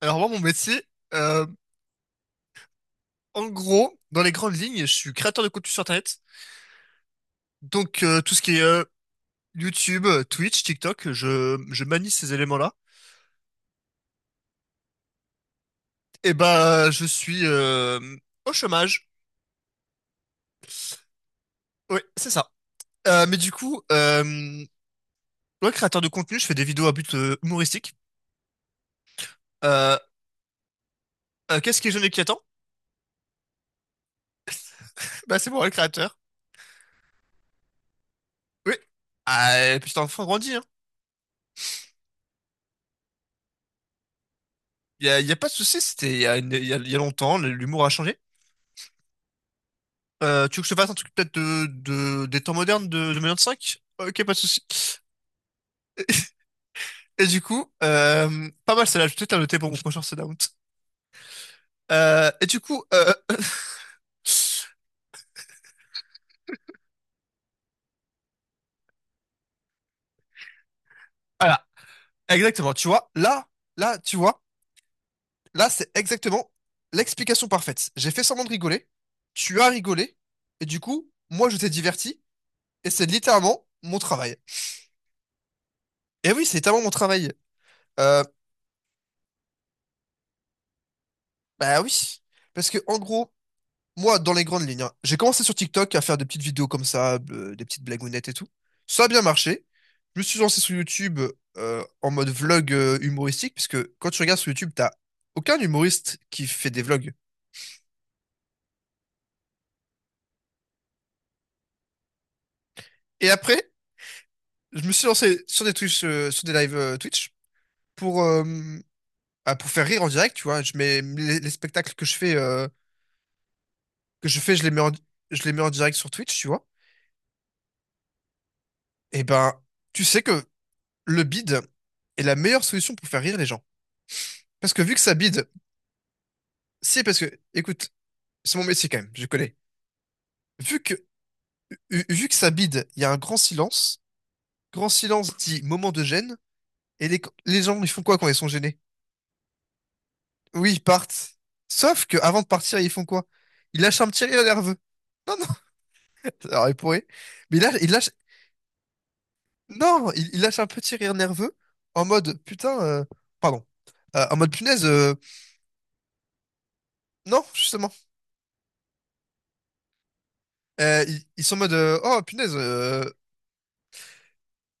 Alors moi, mon métier, euh, en gros, dans les grandes lignes, je suis créateur de contenu sur Internet. Donc tout ce qui est YouTube, Twitch, TikTok, je manie ces éléments-là. Et bah je suis au chômage. Oui, c'est ça. Mais du coup, ouais, créateur de contenu, je fais des vidéos à but humoristique. Euh, qu'est-ce qui est jeune et qui attend? Bah c'est moi le créateur. Oui. Ah, et puis c'est un enfant grandi, hein. Y a pas de souci, c'était il y a, une- y a, y a longtemps, l'humour a changé. Tu veux que je te fasse un truc peut-être des temps modernes de 2025? Ok, pas de souci. Et du coup, pas mal celle-là, je vais peut-être la noter pour mon prochain Sundown. Euh, et du coup, euh, voilà, exactement, tu vois, tu vois, là, c'est exactement l'explication parfaite. J'ai fait semblant de rigoler, tu as rigolé, et du coup, moi, je t'ai diverti, et c'est littéralement mon travail. Et oui, c'est littéralement mon travail. Euh, bah oui, parce que en gros, moi, dans les grandes lignes, hein, j'ai commencé sur TikTok à faire des petites vidéos comme ça, des petites blagounettes et tout. Ça a bien marché. Je me suis lancé sur YouTube en mode vlog humoristique, puisque quand tu regardes sur YouTube, t'as aucun humoriste qui fait des vlogs. Et après, je me suis lancé sur des Twitch, sur des lives Twitch pour, pour faire rire en direct, tu vois. Je mets les spectacles que je fais, je les mets je les mets en direct sur Twitch, tu vois. Et ben, tu sais que le bid est la meilleure solution pour faire rire les gens. Parce que vu que ça bide, c'est parce que, écoute, c'est mon métier quand même, je connais. Vu que, vu que ça bide, il y a un grand silence. Grand silence dit moment de gêne. Et les gens, ils font quoi quand ils sont gênés? Oui, ils partent. Sauf que avant de partir, ils font quoi? Ils lâchent un petit rire nerveux. Non, non, alors ils pourraient. Mais là, ils lâchent, non, ils lâchent un petit rire nerveux en mode, putain, pardon. En mode, punaise, non, justement. Ils sont en mode, oh, punaise, euh,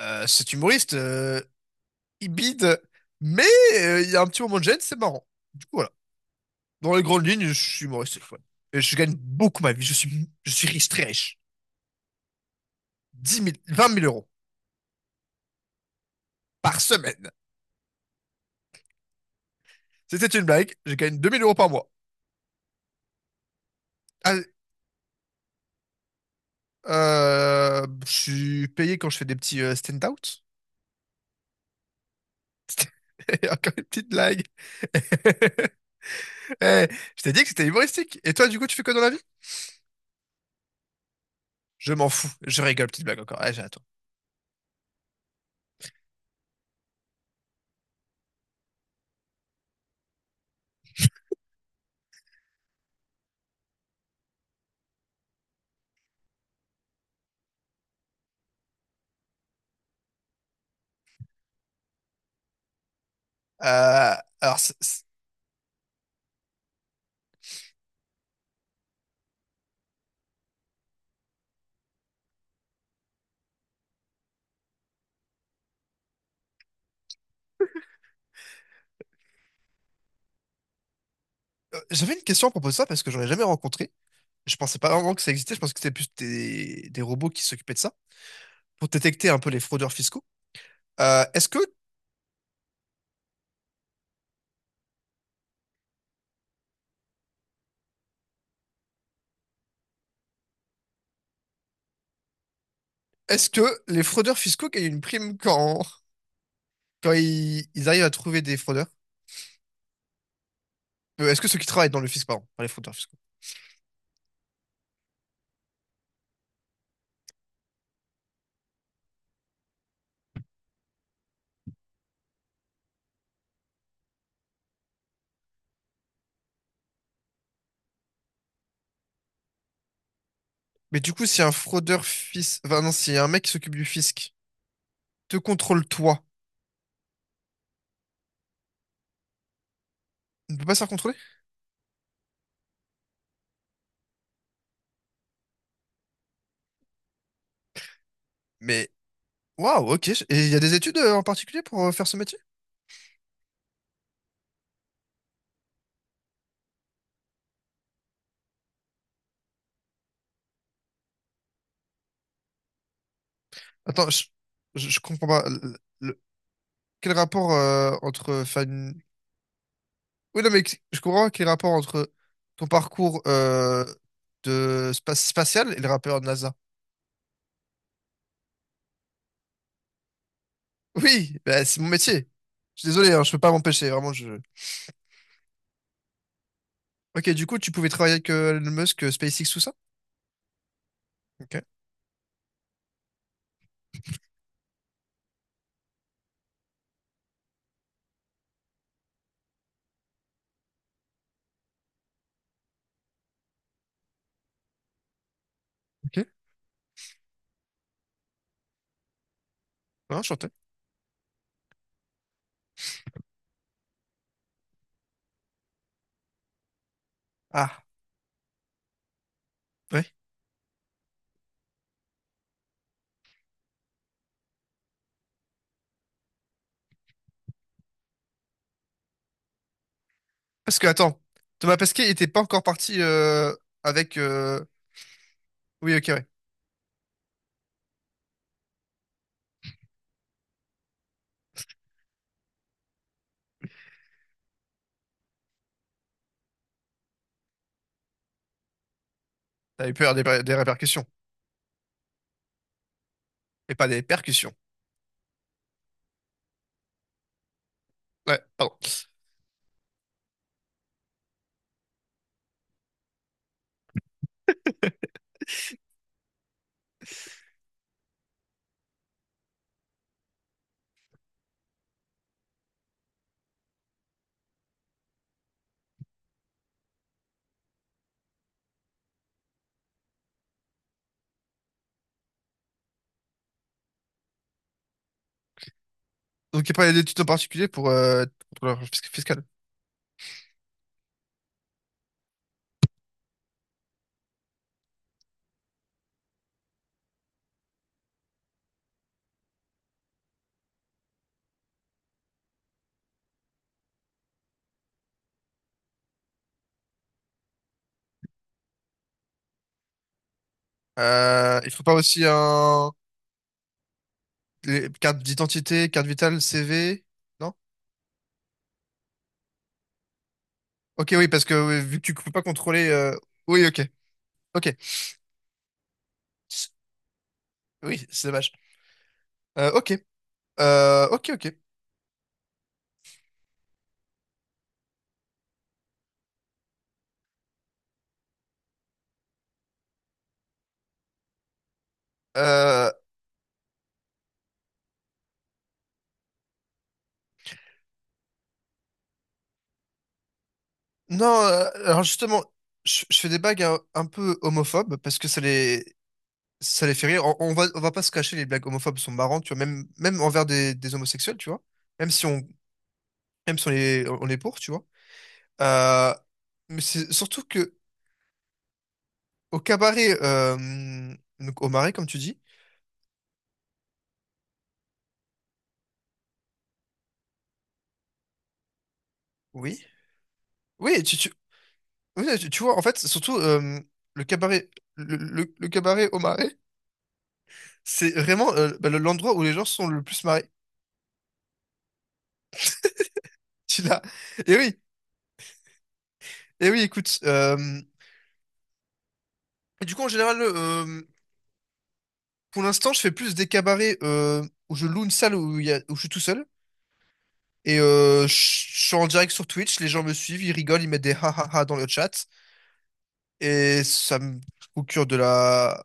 euh, cet humoriste, il bide, mais il y a un petit moment de gêne, c'est marrant. Du coup, voilà. Dans les grandes lignes, je suis humoriste. Ouais. Et je gagne beaucoup ma vie. Je suis riche, très riche. Dix mille, vingt mille euros par semaine. C'était une blague. Je gagne deux mille euros par mois. Allez, je suis payé quand je fais des petits stand-out. Et encore une petite blague. Eh, je t'ai dit que c'était humoristique. Et toi, du coup, tu fais quoi dans la vie? Je m'en fous. Je rigole, petite blague encore. Allez, j'ai à toi. Euh, alors, j'avais une question à propos de ça parce que j'aurais jamais rencontré. Je pensais pas vraiment que ça existait. Je pense que c'était plus des robots qui s'occupaient de ça pour détecter un peu les fraudeurs fiscaux. Euh, est-ce que Est-ce que les fraudeurs fiscaux gagnent une prime quand, quand ils arrivent à trouver des fraudeurs? Est-ce que ceux qui travaillent dans le fisc, pardon, pas les fraudeurs fiscaux. Mais du coup, si un fraudeur fisc, enfin non, si un mec qui s'occupe du fisc te contrôle toi, il ne peut pas se faire contrôler? Mais Waouh, ok. Et il y a des études en particulier pour faire ce métier? Attends, je comprends pas. Le- quel rapport entre oui, non, mais je comprends pas quel rapport entre ton parcours de spatial et le rappeur de NASA. Oui, bah, c'est mon métier. Je suis désolé, hein, je peux pas m'empêcher, vraiment. Je... Ok, du coup, tu pouvais travailler avec Elon Musk, SpaceX, tout ça? Ok, ok. Ah, enchanté. Ah, ouais. Parce que, attends, Thomas Pesquet était pas encore parti avec... oui, ok, ouais. T'as eu peur des répercussions. Et pas des percussions. Ouais, pardon. Donc, il n'y a pas d'études en particulier pour être contrôleur fiscal. Il faut pas aussi un... les cartes d'identité, carte vitale, CV, non? Ok, oui, parce que oui, vu que tu peux pas contrôler... oui, ok, ok. Oui, c'est dommage. Euh, ok, ok, ok. Euh, non, alors justement, je fais des blagues un peu homophobes parce que ça les fait rire. On va pas se cacher, les blagues homophobes sont marrantes, tu vois, même envers des homosexuels, tu vois. Même si on, même si on est, on est pour, tu vois. Euh, mais c'est surtout que au cabaret, donc au marais, comme tu dis, oui, oui, oui, tu vois, en fait, surtout le cabaret, le cabaret au marais, c'est vraiment bah, l'endroit où les gens sont le plus marrés. Tu l'as. Et oui, et oui, écoute. Et du coup, en général, pour l'instant, je fais plus des cabarets où je loue une salle où, où je suis tout seul. Et je suis en direct sur Twitch, les gens me suivent, ils rigolent, ils mettent des ha ha ha dans le chat. Et ça me procure de la...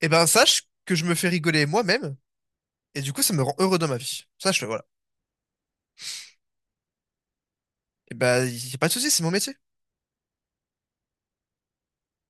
Eh ben, sache que je me fais rigoler moi-même, et du coup, ça me rend heureux dans ma vie. Sache-le, voilà. Et ben, y a pas de souci, c'est mon métier.